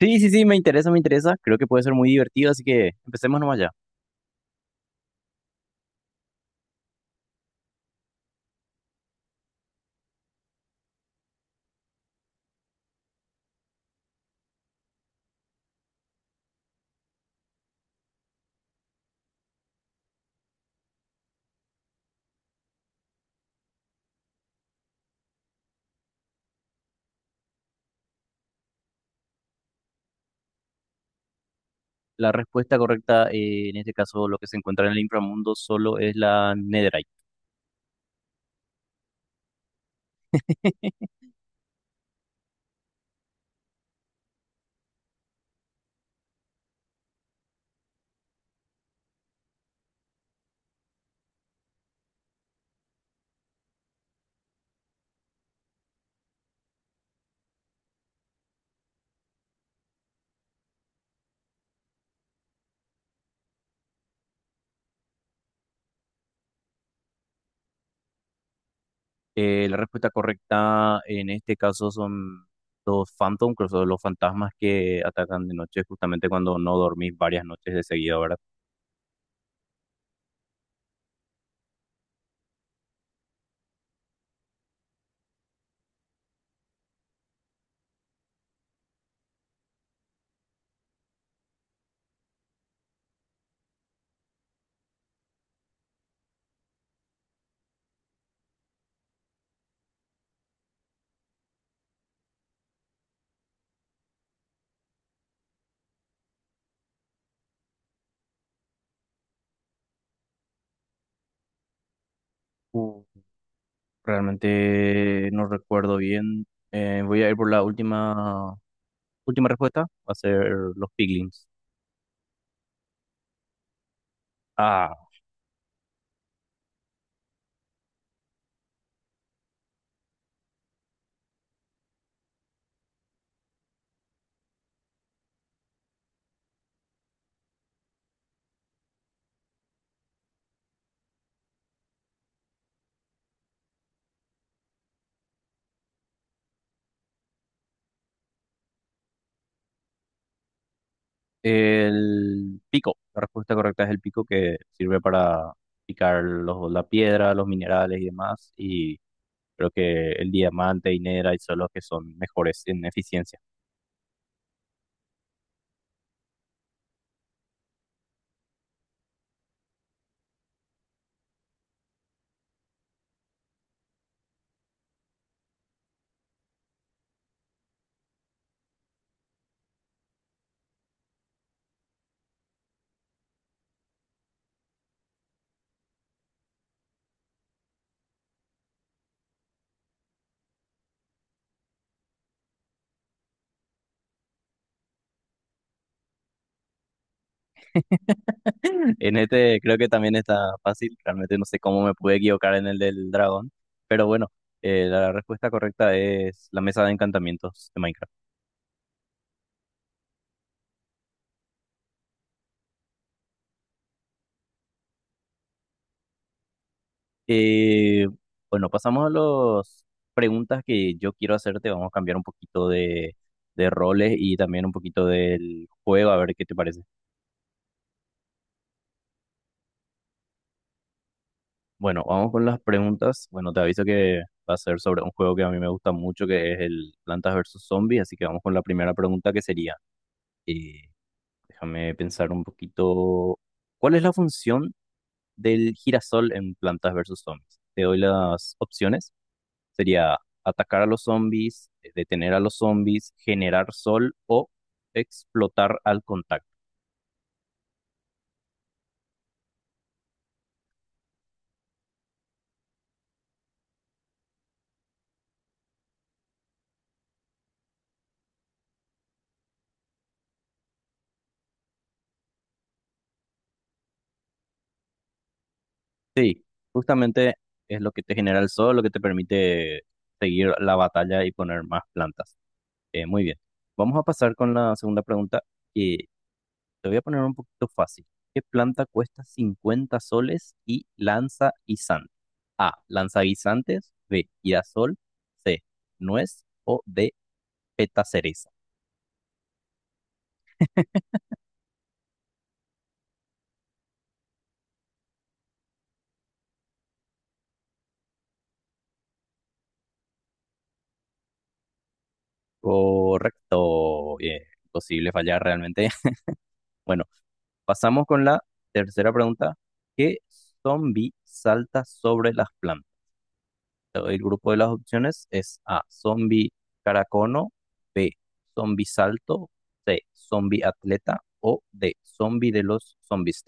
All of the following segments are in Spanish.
Sí, sí, sí, me interesa, me interesa. Creo que puede ser muy divertido, así que empecemos nomás ya. La respuesta correcta, en este caso, lo que se encuentra en el inframundo solo es la Netherite. La respuesta correcta, en este caso, son los Phantom, que son los fantasmas que atacan de noche, justamente cuando no dormís varias noches de seguida, ¿verdad? Uh, realmente no recuerdo bien. Voy a ir por la última respuesta, va a ser los Piglins. Ah. El pico, la respuesta correcta es el pico que sirve para picar la piedra, los minerales y demás. Y creo que el diamante y nera y son los que son mejores en eficiencia. En este creo que también está fácil. Realmente no sé cómo me pude equivocar en el del dragón. Pero bueno, la respuesta correcta es la mesa de encantamientos de Minecraft. Eh, bueno, pasamos a las preguntas que yo quiero hacerte. Vamos a cambiar un poquito de roles y también un poquito del juego, a ver qué te parece. Bueno, vamos con las preguntas. Bueno, te aviso que va a ser sobre un juego que a mí me gusta mucho, que es el Plantas versus Zombies. Así que vamos con la primera pregunta, que sería, eh, déjame pensar un poquito, ¿cuál es la función del girasol en Plantas versus Zombies? Te doy las opciones. Sería atacar a los zombies, detener a los zombies, generar sol o explotar al contacto. Sí, justamente es lo que te genera el sol, lo que te permite seguir la batalla y poner más plantas. Muy bien. Vamos a pasar con la segunda pregunta que te voy a poner un poquito fácil. ¿Qué planta cuesta 50 soles y lanza guisantes? A, lanza guisantes. B, girasol. C, nuez. O D, petaceres. Correcto, bien, imposible fallar realmente. Bueno, pasamos con la tercera pregunta. ¿Qué zombie salta sobre las plantas? Te doy el grupo de las opciones es A, zombie caracono, B, zombie salto, C, zombie atleta o D, zombie de los zombies.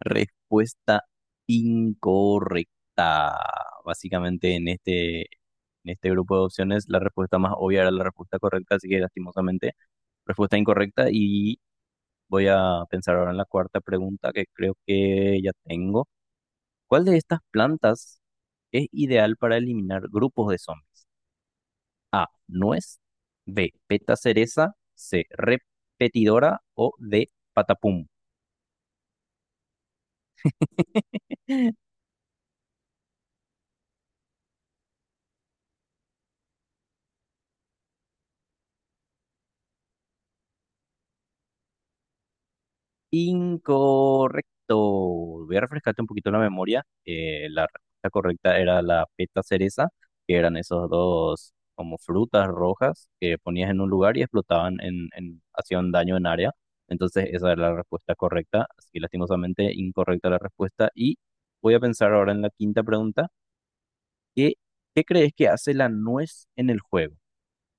Respuesta incorrecta. Básicamente en este grupo de opciones la respuesta más obvia era la respuesta correcta, así que lastimosamente respuesta incorrecta y voy a pensar ahora en la cuarta pregunta que creo que ya tengo. ¿Cuál de estas plantas es ideal para eliminar grupos de zombies? A, nuez, B, peta cereza, C, repetidora o D, patapum. Incorrecto. Voy a refrescarte un poquito la memoria. La respuesta correcta era la peta cereza, que eran esos dos como frutas rojas que ponías en un lugar y explotaban hacían daño en área. Entonces esa era la respuesta correcta. Así que lastimosamente incorrecta la respuesta. Y voy a pensar ahora en la quinta pregunta. ¿Qué, qué crees que hace la nuez en el juego?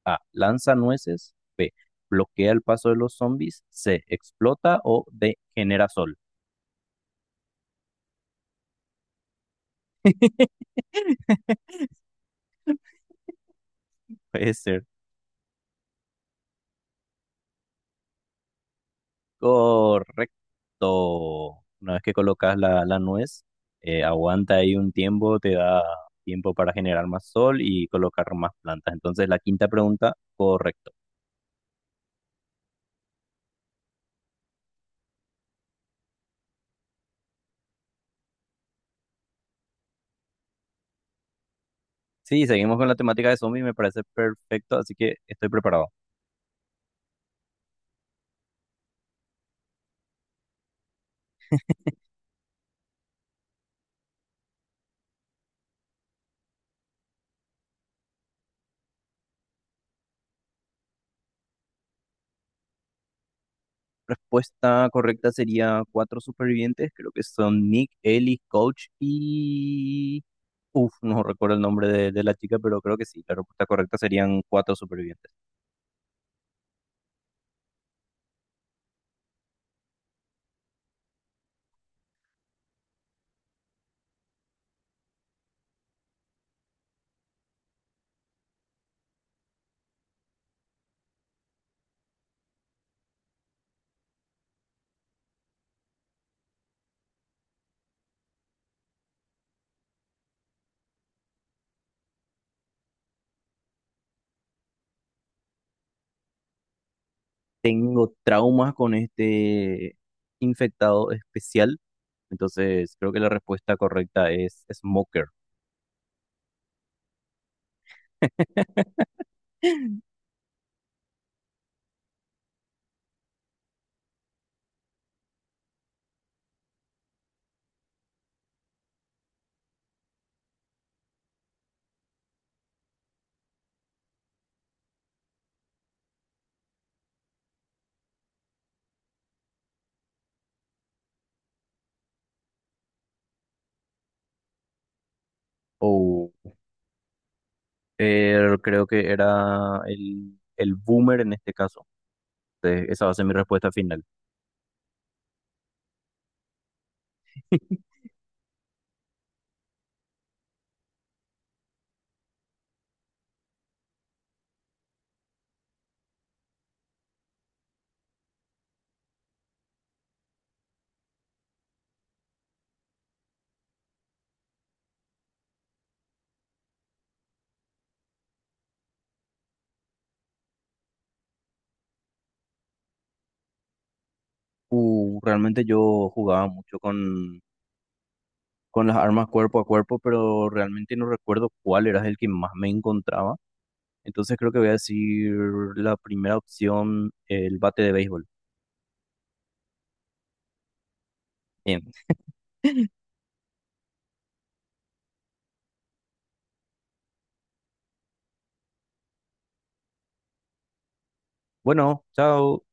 A, lanza nueces. B, bloquea el paso de los zombies. C, explota o D, genera sol. Puede ser. Correcto. Una vez que colocas la nuez, aguanta ahí un tiempo, te da tiempo para generar más sol y colocar más plantas. Entonces, la quinta pregunta, correcto. Sí, seguimos con la temática de zombies, me parece perfecto, así que estoy preparado. Respuesta correcta sería cuatro supervivientes, creo que son Nick, Ellie, Coach y... Uf, no recuerdo el nombre de la chica, pero creo que sí, la respuesta correcta serían cuatro supervivientes. Tengo traumas con este infectado especial. Entonces, creo que la respuesta correcta es Smoker. O creo que era el Boomer en este caso. Entonces, esa va a ser mi respuesta final. Realmente yo jugaba mucho con las armas cuerpo a cuerpo, pero realmente no recuerdo cuál era el que más me encontraba. Entonces creo que voy a decir la primera opción, el bate de béisbol. Bien. Bueno, chao.